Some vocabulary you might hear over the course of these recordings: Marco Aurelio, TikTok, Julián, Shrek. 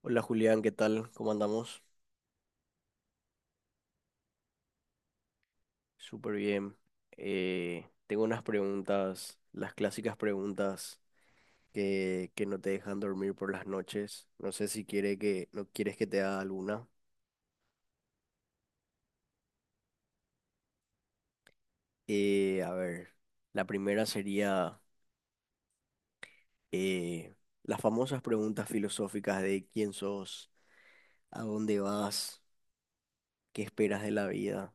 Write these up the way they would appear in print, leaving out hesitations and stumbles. Hola Julián, ¿qué tal? ¿Cómo andamos? Súper bien. Tengo unas preguntas, las clásicas preguntas que no te dejan dormir por las noches. No sé si quiere no quieres que te haga alguna. A ver, la primera sería eh, las famosas preguntas filosóficas de quién sos, a dónde vas, qué esperas de la vida.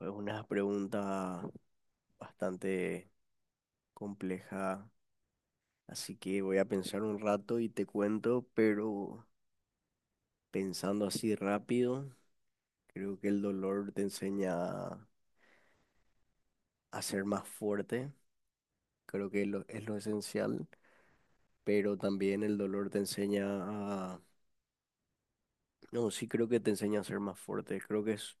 Es una pregunta bastante compleja. Así que voy a pensar un rato y te cuento, pero pensando así rápido, creo que el dolor te enseña a ser más fuerte, creo que es lo esencial, pero también el dolor te enseña a... No, sí creo que te enseña a ser más fuerte, creo que es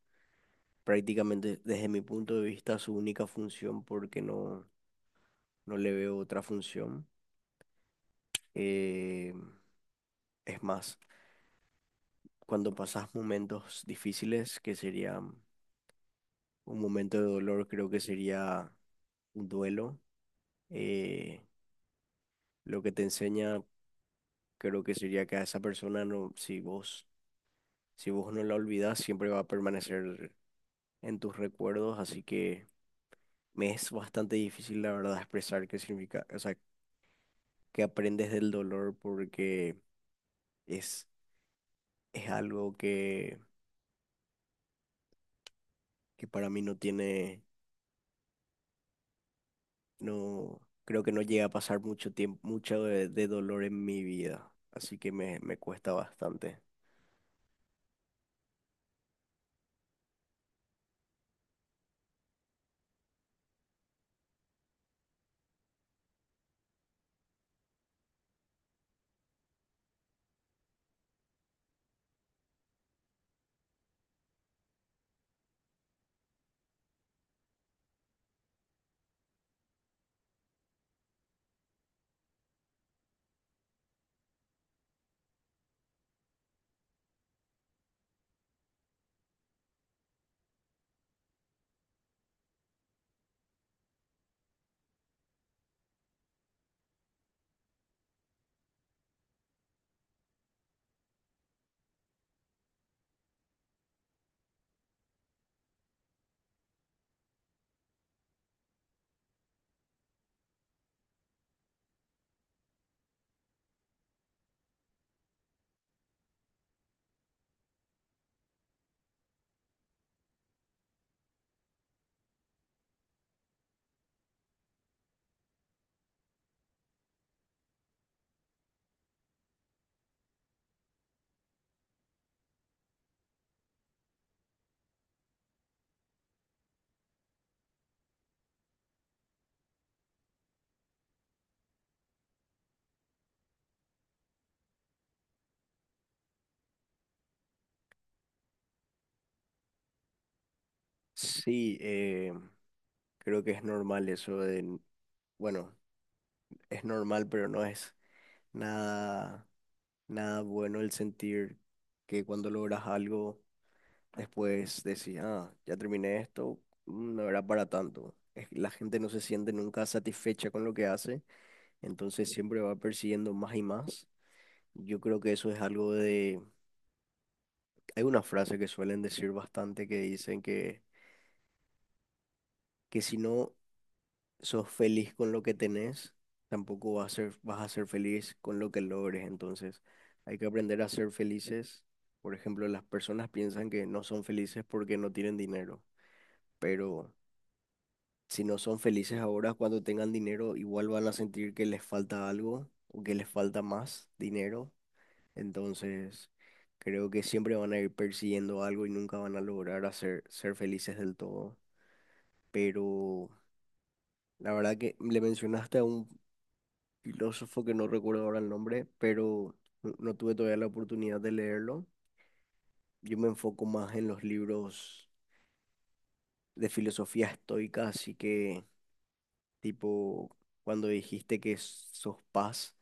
prácticamente desde mi punto de vista su única función porque no le veo otra función. Eh, es más, cuando pasas momentos difíciles, que serían un momento de dolor, creo que sería un duelo. Eh, lo que te enseña creo que sería que a esa persona no, si vos no la olvidás, siempre va a permanecer en tus recuerdos. Así que me es bastante difícil, la verdad, expresar qué significa, o sea, qué aprendes del dolor porque es, es algo que para mí no tiene, no, creo que no llega a pasar mucho tiempo, mucho de dolor en mi vida. Así que me cuesta bastante. Sí, creo que es normal eso de, bueno, es normal, pero no es nada, nada bueno el sentir que cuando logras algo, después decís, ah, ya terminé esto, mm, no era para tanto. Es que la gente no se siente nunca satisfecha con lo que hace, entonces siempre va persiguiendo más y más. Yo creo que eso es algo de, hay una frase que suelen decir bastante que dicen que si no sos feliz con lo que tenés, tampoco vas a ser feliz con lo que logres. Entonces, hay que aprender a ser felices. Por ejemplo, las personas piensan que no son felices porque no tienen dinero, pero si no son felices ahora, cuando tengan dinero, igual van a sentir que les falta algo o que les falta más dinero. Entonces, creo que siempre van a ir persiguiendo algo y nunca van a lograr ser felices del todo. Pero la verdad que le mencionaste a un filósofo que no recuerdo ahora el nombre, pero no tuve todavía la oportunidad de leerlo. Yo me enfoco más en los libros de filosofía estoica, así que tipo, cuando dijiste que sos paz,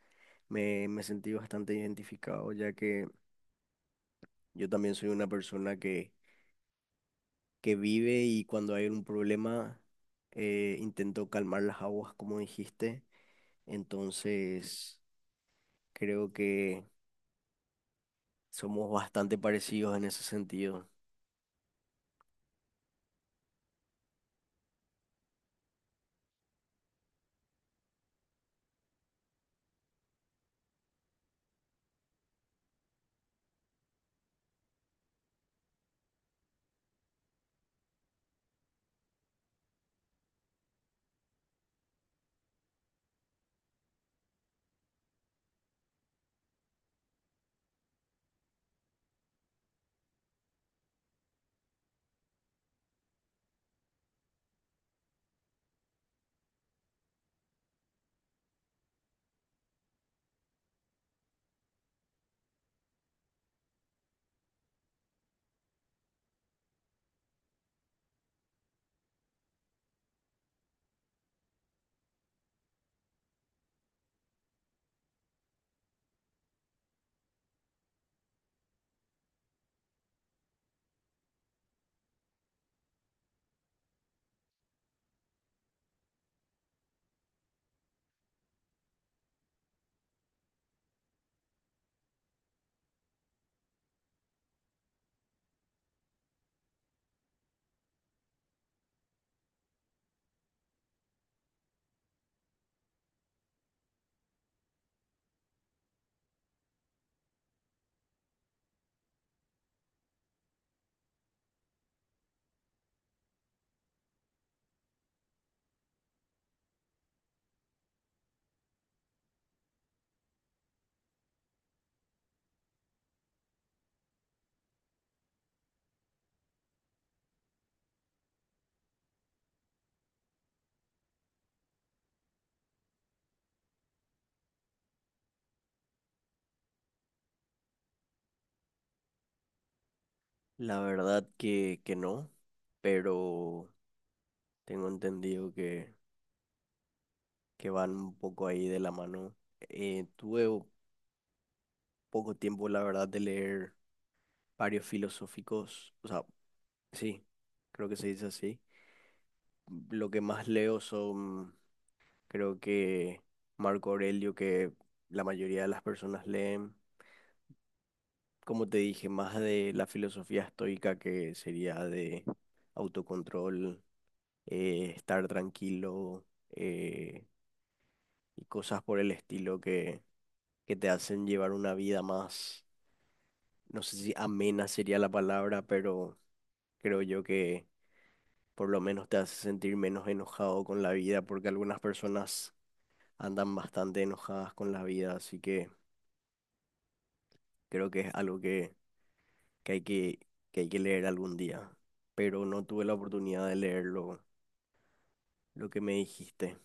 me sentí bastante identificado, ya que yo también soy una persona que vive y cuando hay un problema intento calmar las aguas, como dijiste. Entonces, creo que somos bastante parecidos en ese sentido. La verdad que no, pero tengo entendido que van un poco ahí de la mano. Tuve poco tiempo, la verdad, de leer varios filosóficos, o sea, sí, creo que se dice así. Lo que más leo son, creo que Marco Aurelio, que la mayoría de las personas leen, como te dije, más de la filosofía estoica, que sería de autocontrol, estar tranquilo. eh, y cosas por el estilo que te hacen llevar una vida más, no sé si amena sería la palabra, pero creo yo que por lo menos te hace sentir menos enojado con la vida, porque algunas personas andan bastante enojadas con la vida, así que creo que es algo que, que hay que, que hay que leer algún día, pero no tuve la oportunidad de leerlo, lo que me dijiste.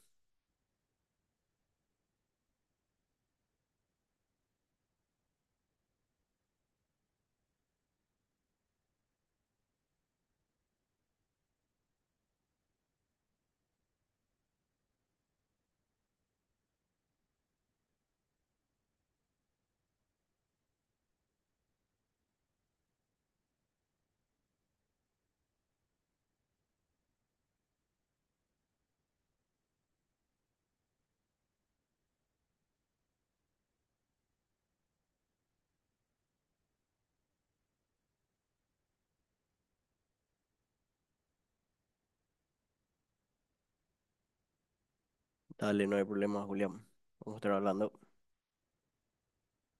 Dale, no hay problema, Julián. Vamos a estar hablando.